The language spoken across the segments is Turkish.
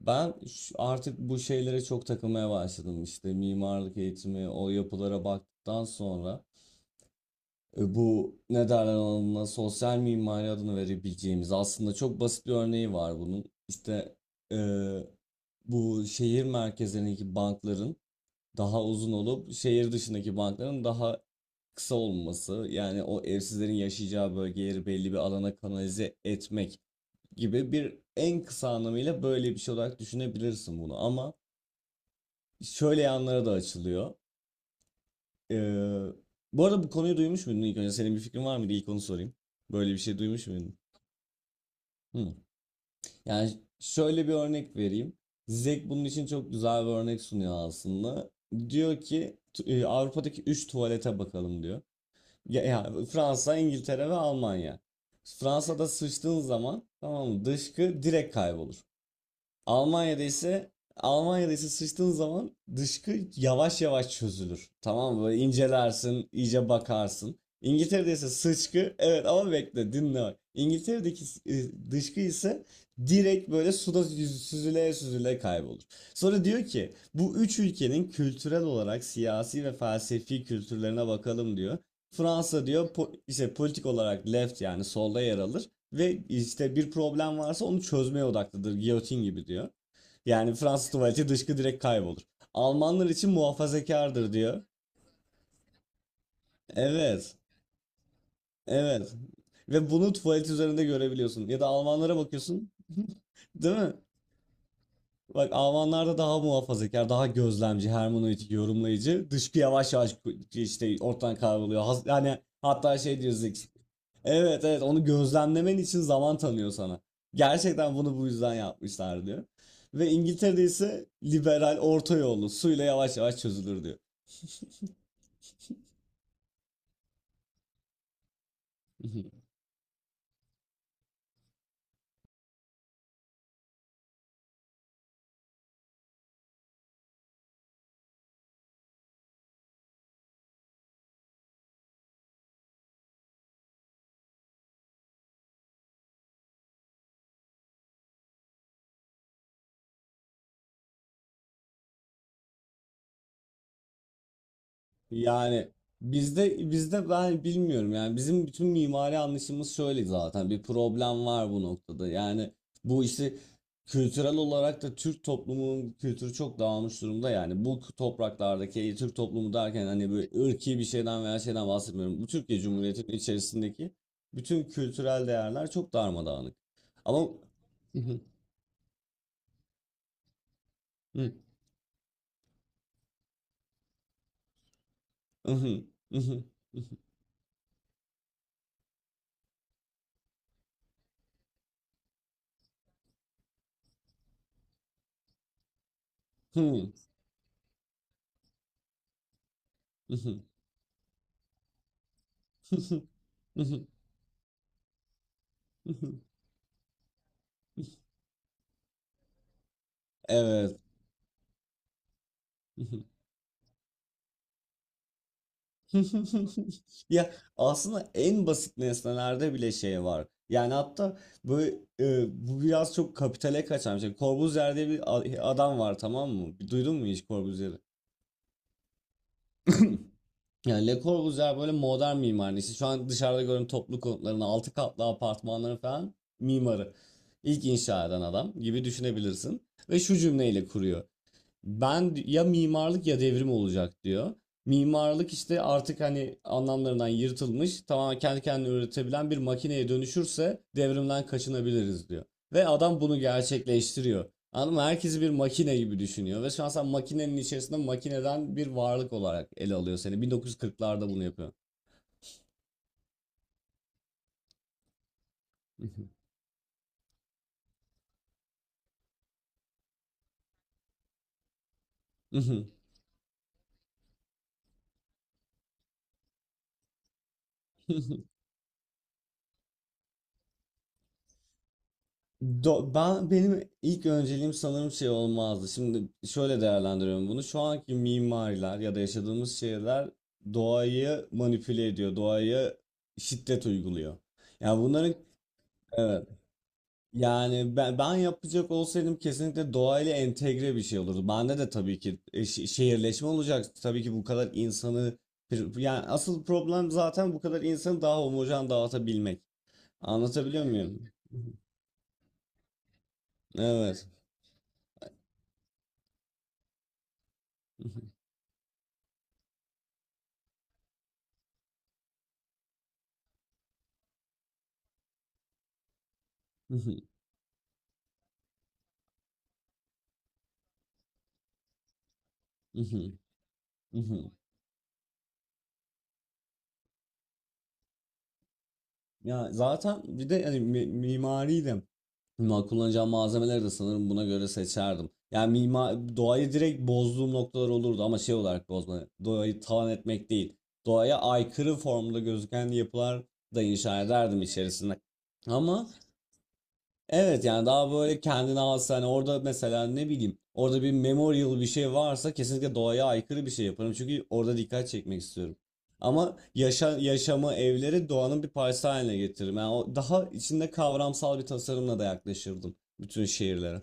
Ben artık bu şeylere çok takılmaya başladım. İşte mimarlık eğitimi, o yapılara baktıktan sonra bu ne derler ona sosyal mimari adını verebileceğimiz aslında çok basit bir örneği var bunun. İşte e, bu şehir merkezlerindeki bankların daha uzun olup şehir dışındaki bankların daha kısa olması yani o evsizlerin yaşayacağı bölgeleri belli bir alana kanalize etmek gibi bir en kısa anlamıyla böyle bir şey olarak düşünebilirsin bunu ama şöyle yanlara da açılıyor. Ee, Bu arada bu konuyu duymuş muydun ilk önce? Senin bir fikrin var mıydı? İlk onu sorayım. Böyle bir şey duymuş muydun? Hı. Yani şöyle bir örnek vereyim. Zek bunun için çok güzel bir örnek sunuyor aslında. Diyor ki Avrupa'daki 3 tuvalete bakalım diyor. Ya Fransa, İngiltere ve Almanya. Fransa'da sıçtığın zaman, tamam mı? Dışkı direkt kaybolur. Almanya'da ise Almanya'da ise sıçtığın zaman dışkı yavaş yavaş çözülür. Tamam mı? Böyle incelersin, iyice bakarsın. İngiltere'de ise sıçkı, evet ama bekle dinle bak. İngiltere'deki dışkı ise direkt böyle süzüle süzüle kaybolur. Sonra diyor ki bu üç ülkenin kültürel olarak siyasi ve felsefi kültürlerine bakalım diyor. Fransa diyor işte politik olarak left yani solda yer alır. Ve işte bir problem varsa onu çözmeye odaklıdır. Giyotin gibi diyor. Yani Fransız tuvaleti dışkı direkt kaybolur. Almanlar için muhafazakardır diyor. Evet. Evet. Ve bunu tuvalet üzerinde görebiliyorsun. Ya da Almanlara bakıyorsun. Değil mi? Bak Almanlarda daha muhafazakar, daha gözlemci, hermeneutik, yorumlayıcı. Dışkı yavaş yavaş işte ortadan kayboluyor. Yani hatta şey diyoruz Zix. Evet evet, onu gözlemlemen için zaman tanıyor sana. Gerçekten bunu bu yüzden yapmışlar diyor. Ve İngiltere'de ise liberal orta yolu suyla yavaş yavaş çözülür diyor. Yani bizde ben bilmiyorum yani bizim bütün mimari anlayışımız şöyle zaten bir problem var bu noktada. Yani bu işte kültürel olarak da Türk toplumunun kültürü çok dağılmış durumda yani bu topraklardaki Türk toplumu derken hani böyle ırki bir şeyden veya şeyden bahsetmiyorum. Bu Türkiye Cumhuriyeti'nin içerisindeki bütün kültürel değerler çok darmadağınık. Ama Evet. Ya aslında en basit nesnelerde bile şey var. Yani hatta böyle bu biraz çok kapitale kaçan bir şey. Corbusier diye bir adam var, tamam mı? Duydun mu hiç Corbusier'i? Yani Le Corbusier böyle modern mimarın işte şu an dışarıda gördüğün toplu konutların altı katlı apartmanların falan mimarı. İlk inşa eden adam gibi düşünebilirsin. Ve şu cümleyle kuruyor. Ben ya mimarlık ya devrim olacak diyor. Mimarlık işte artık hani anlamlarından yırtılmış, tamamen kendi kendine üretebilen bir makineye dönüşürse devrimden kaçınabiliriz diyor. Ve adam bunu gerçekleştiriyor. Anladın mı? Herkesi bir makine gibi düşünüyor. Ve şu an sen makinenin içerisinde makineden bir varlık olarak ele alıyor seni. 1940'larda bunu yapıyor. Ben benim ilk önceliğim sanırım şey olmazdı. Şimdi şöyle değerlendiriyorum bunu. Şu anki mimariler ya da yaşadığımız şehirler doğayı manipüle ediyor, doğaya şiddet uyguluyor. Yani bunların evet. Yani ben yapacak olsaydım kesinlikle doğayla entegre bir şey olurdu. Bende de tabii ki şehirleşme olacak. Tabii ki bu kadar insanı yani asıl problem zaten bu kadar insanı daha homojen dağıtabilmek. Anlatabiliyor muyum? Evet. Hı hı. Ya zaten bir de hani mimari de kullanacağım malzemeleri de sanırım buna göre seçerdim. Yani mimar doğayı direkt bozduğum noktalar olurdu ama şey olarak bozma. Doğayı talan etmek değil. Doğaya aykırı formda gözüken yapılar da inşa ederdim içerisinde. Ama evet yani daha böyle kendine has hani orada mesela ne bileyim orada bir memorial bir şey varsa kesinlikle doğaya aykırı bir şey yaparım çünkü orada dikkat çekmek istiyorum. Ama yaşamı evleri doğanın bir parçası haline getiririm. Yani o daha içinde kavramsal bir tasarımla da yaklaşırdım bütün şehirlere.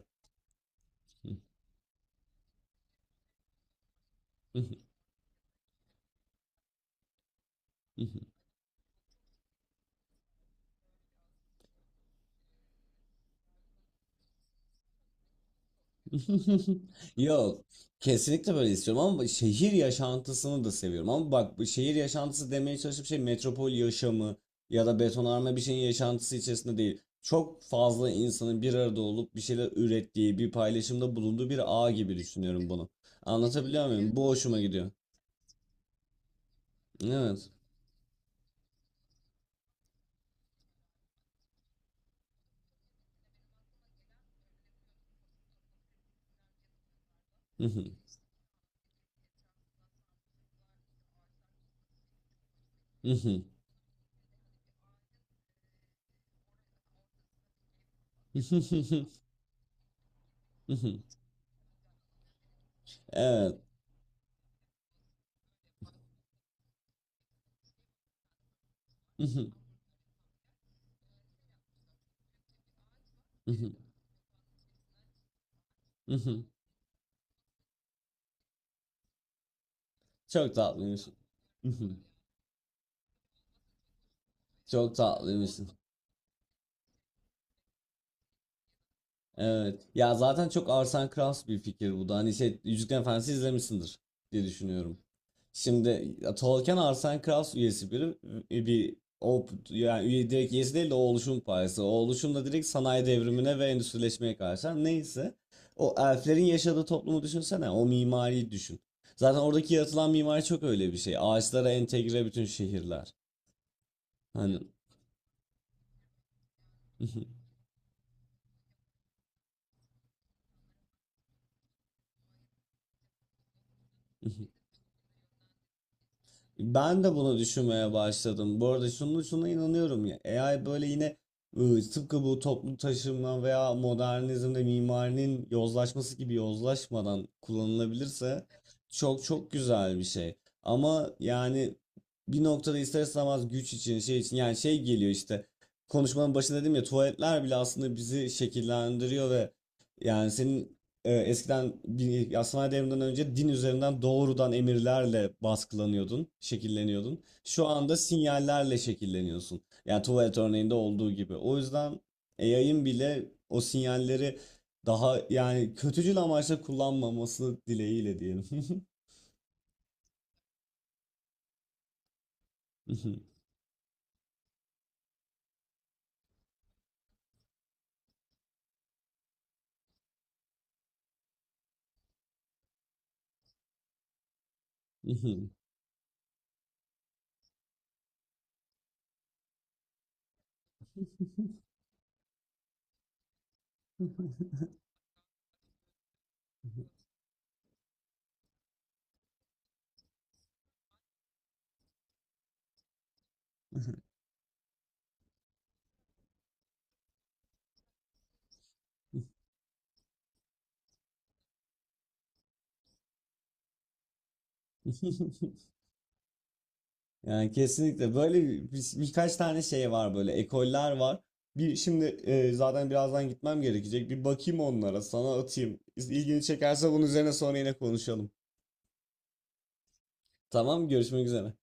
Yok. Kesinlikle böyle istiyorum ama şehir yaşantısını da seviyorum. Ama bak bu şehir yaşantısı demeye çalıştığım şey metropol yaşamı ya da betonarme bir şeyin yaşantısı içerisinde değil. Çok fazla insanın bir arada olup bir şeyler ürettiği, bir paylaşımda bulunduğu bir ağ gibi düşünüyorum bunu. Anlatabiliyor muyum? Bu hoşuma gidiyor. Evet. Evet. Çok tatlıymış. Çok tatlıymış. Evet. Ya zaten çok Arsen Krauss bir fikir bu da. Hani şey Yüzüklerin Efendisi izlemişsindir diye düşünüyorum. Şimdi ya, Tolkien Arsen Krauss üyesi biri e, bir o yani üye, direkt üyesi değil de o oluşum parçası. O oluşum da direkt sanayi devrimine ve endüstrileşmeye karşı. Ha, neyse. O elflerin yaşadığı toplumu düşünsene. O mimariyi düşün. Zaten oradaki yaratılan mimari çok öyle bir şey. Ağaçlara entegre bütün şehirler. Hani ben de bunu düşünmeye başladım. Bu arada şunu şuna inanıyorum ya. AI böyle yine tıpkı bu toplu taşıma veya modernizmde mimarinin yozlaşması gibi yozlaşmadan kullanılabilirse çok çok güzel bir şey. Ama yani bir noktada ister istemez güç için şey için yani şey geliyor işte konuşmanın başında dedim ya tuvaletler bile aslında bizi şekillendiriyor ve yani senin eskiden ya sanayi devriminden önce din üzerinden doğrudan emirlerle baskılanıyordun, şekilleniyordun. Şu anda sinyallerle şekilleniyorsun. Yani tuvalet örneğinde olduğu gibi. O yüzden yayın bile o sinyalleri daha yani kötücül amaçla kullanmaması dileğiyle diyelim. Yani kesinlikle böyle birkaç tane şey var böyle ekoller var. Bir şimdi zaten birazdan gitmem gerekecek. Bir bakayım onlara, sana atayım. İlgini çekerse bunun üzerine sonra yine konuşalım. Tamam, görüşmek üzere.